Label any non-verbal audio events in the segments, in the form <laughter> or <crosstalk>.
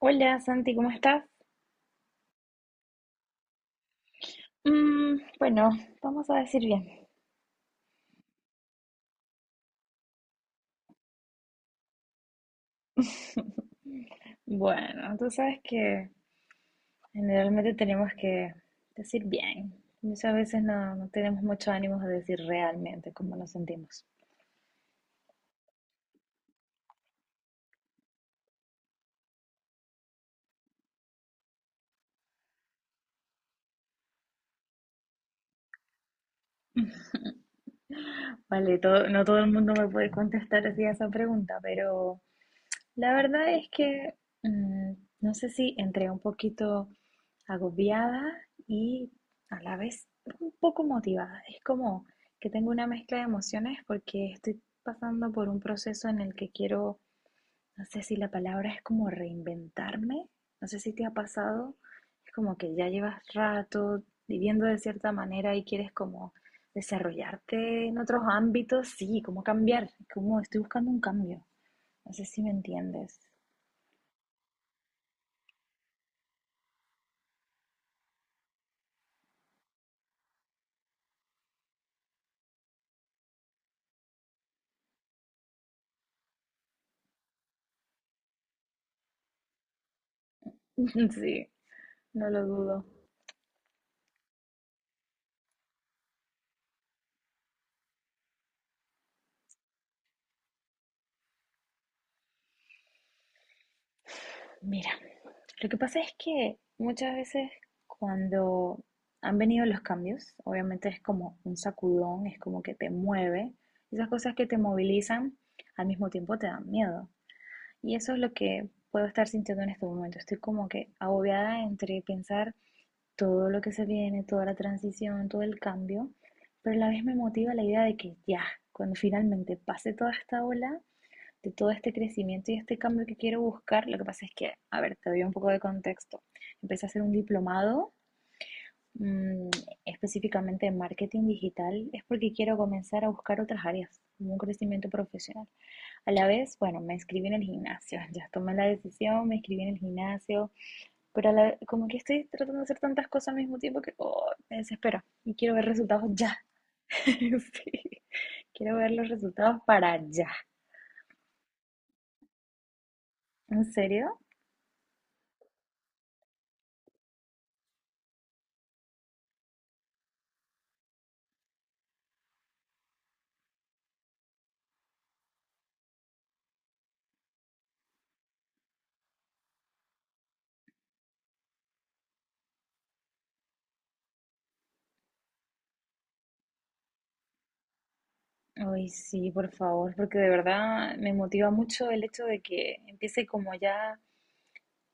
Hola Santi, ¿cómo estás? Bueno, vamos a decir bien. <laughs> Bueno, tú sabes que generalmente tenemos que decir bien. Muchas veces no tenemos mucho ánimo de decir realmente cómo nos sentimos. Vale, no todo el mundo me puede contestar así a esa pregunta, pero la verdad es que mm, no sé si entré un poquito agobiada y a la vez un poco motivada. Es como que tengo una mezcla de emociones porque estoy pasando por un proceso en el que quiero, no sé si la palabra es como reinventarme, no sé si te ha pasado, es como que ya llevas rato viviendo de cierta manera y quieres como desarrollarte en otros ámbitos, sí, como cambiar, como estoy buscando un cambio. No sé si me entiendes. <laughs> Sí, no lo dudo. Mira, lo que pasa es que muchas veces cuando han venido los cambios, obviamente es como un sacudón, es como que te mueve. Esas cosas que te movilizan al mismo tiempo te dan miedo. Y eso es lo que puedo estar sintiendo en este momento. Estoy como que agobiada entre pensar todo lo que se viene, toda la transición, todo el cambio, pero a la vez me motiva la idea de que ya, cuando finalmente pase toda esta ola, de todo este crecimiento y este cambio que quiero buscar, lo que pasa es que, a ver, te doy un poco de contexto. Empecé a hacer un diplomado, mm, específicamente en marketing digital, es porque quiero comenzar a buscar otras áreas, como un crecimiento profesional. A la vez, bueno, me inscribí en el gimnasio, <laughs> ya tomé la decisión, me inscribí en el gimnasio, pero como que estoy tratando de hacer tantas cosas al mismo tiempo que oh, me desespero y quiero ver resultados ya. <laughs> Sí, quiero ver los resultados para ya. ¿En serio? Ay, sí, por favor, porque de verdad me motiva mucho el hecho de que empiece como ya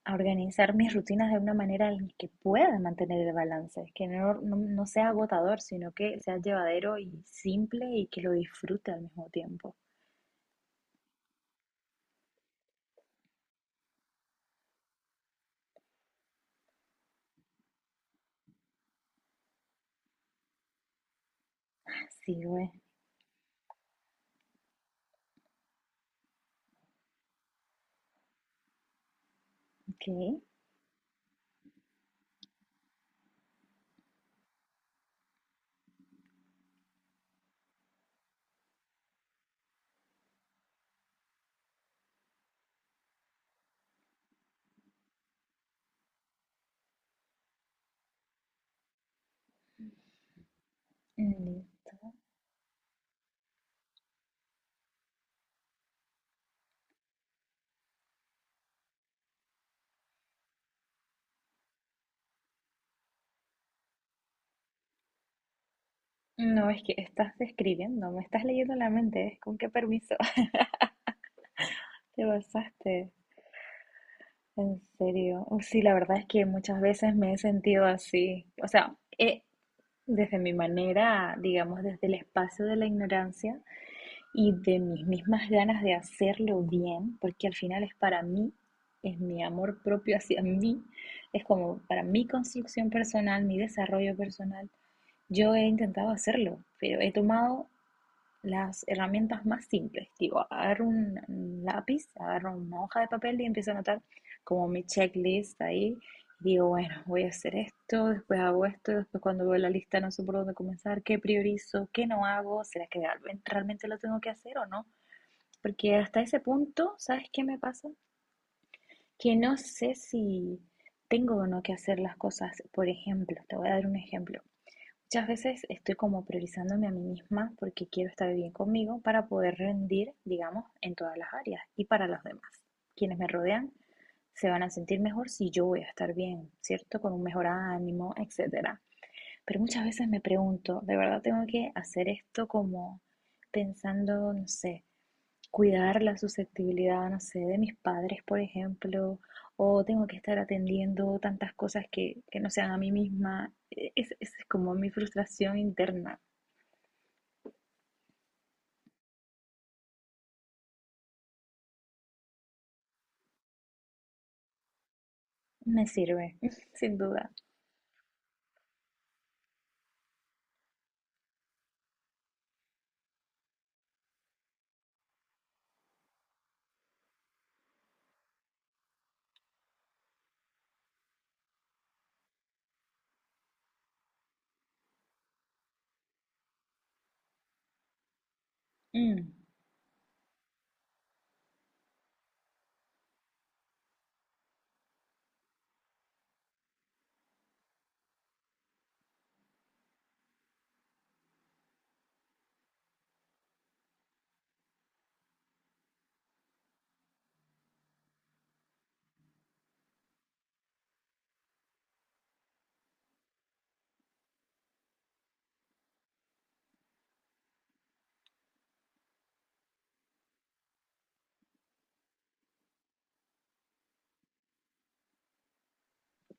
a organizar mis rutinas de una manera en que pueda mantener el balance, que no sea agotador, sino que sea llevadero y simple y que lo disfrute al mismo tiempo. Sí, güey, ok, listo. No, es que estás describiendo, me estás leyendo la mente, ¿eh? ¿Con qué permiso <laughs> te basaste? En serio, uy, sí, la verdad es que muchas veces me he sentido así, o sea, desde mi manera, digamos, desde el espacio de la ignorancia y de mis mismas ganas de hacerlo bien, porque al final es para mí, es mi amor propio hacia mí, es como para mi construcción personal, mi desarrollo personal, yo he intentado hacerlo, pero he tomado las herramientas más simples, digo, agarro un lápiz, agarro una hoja de papel y empiezo a anotar como mi checklist ahí. Digo, bueno, voy a hacer esto, después hago esto, después cuando veo la lista no sé por dónde comenzar, qué priorizo, qué no hago, será que realmente lo tengo que hacer o no. Porque hasta ese punto, ¿sabes qué me pasa? Que no sé si tengo o no que hacer las cosas. Por ejemplo, te voy a dar un ejemplo. Muchas veces estoy como priorizándome a mí misma porque quiero estar bien conmigo para poder rendir, digamos, en todas las áreas y para los demás. Quienes me rodean se van a sentir mejor si yo voy a estar bien, ¿cierto? Con un mejor ánimo, etcétera. Pero muchas veces me pregunto, ¿de verdad tengo que hacer esto como pensando, no sé, cuidar la susceptibilidad, no sé, de mis padres, por ejemplo, o tengo que estar atendiendo tantas cosas que no sean a mí misma. Es como mi frustración interna. Me sirve, <laughs> sin duda. Mm.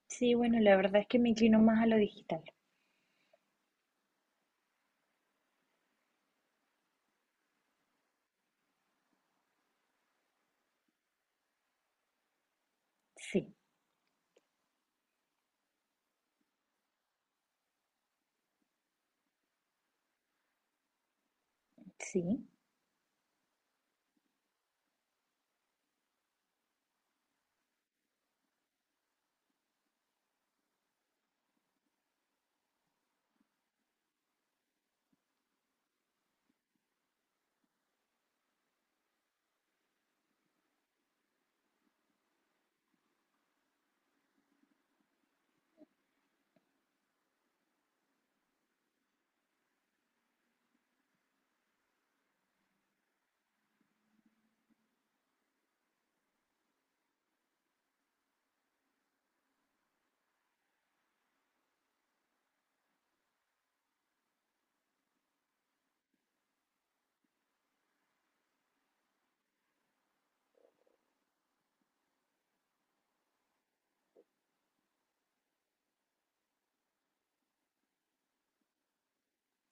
Sí, bueno, la verdad es que me inclino más a lo digital. Sí, sí,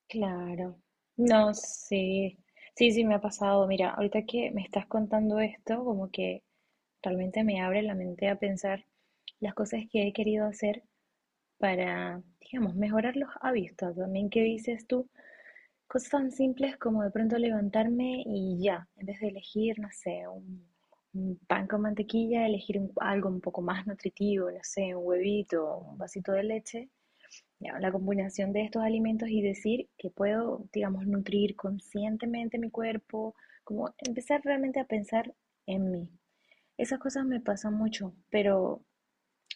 claro. No, sí, sí, sí, me ha pasado. Mira, ahorita que me estás contando esto, como que realmente me abre la mente a pensar las cosas que he querido hacer para, digamos, mejorar los hábitos también que dices tú, cosas tan simples como de pronto levantarme y ya, en vez de elegir, no sé, un pan con mantequilla, algo un poco más nutritivo, no sé, un huevito, un vasito de leche, ya, la combinación de estos alimentos y decir que puedo, digamos, nutrir conscientemente mi cuerpo, como empezar realmente a pensar en mí. Esas cosas me pasan mucho, pero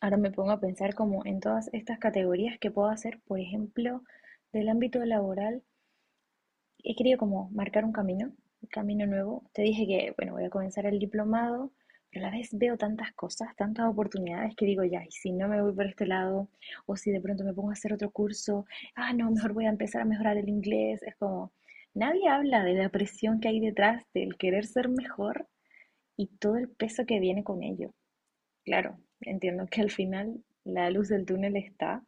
ahora me pongo a pensar como en todas estas categorías que puedo hacer, por ejemplo, del ámbito laboral, he querido como marcar un camino nuevo. Te dije que, bueno, voy a comenzar el diplomado, pero a la vez veo tantas cosas, tantas oportunidades que digo, ya, y si no me voy por este lado, o si de pronto me pongo a hacer otro curso, ah, no, mejor voy a empezar a mejorar el inglés. Es como, nadie habla de la presión que hay detrás del querer ser mejor y todo el peso que viene con ello. Claro, entiendo que al final la luz del túnel está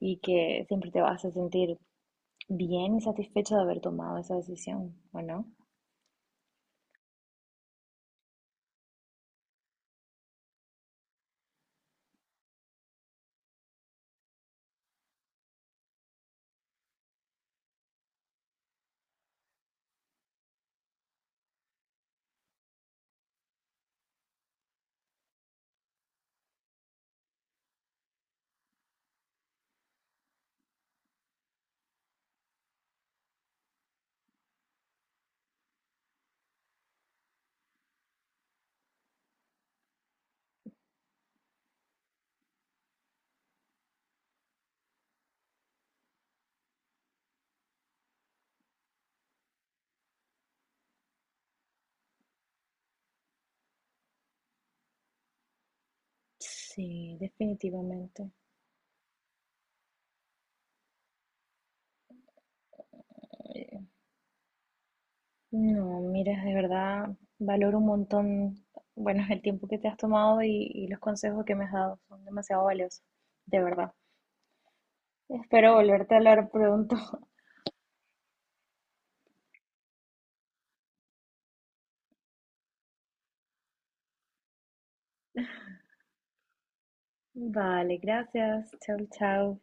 y que siempre te vas a sentir bien y satisfecho de haber tomado esa decisión, ¿o no? Sí, definitivamente. Eh, No, mira, de verdad valoro un montón, bueno, el tiempo que te has tomado y los consejos que me has dado son demasiado valiosos, de verdad. Espero volverte a hablar pronto. <laughs> Vale, gracias. Chao, chao.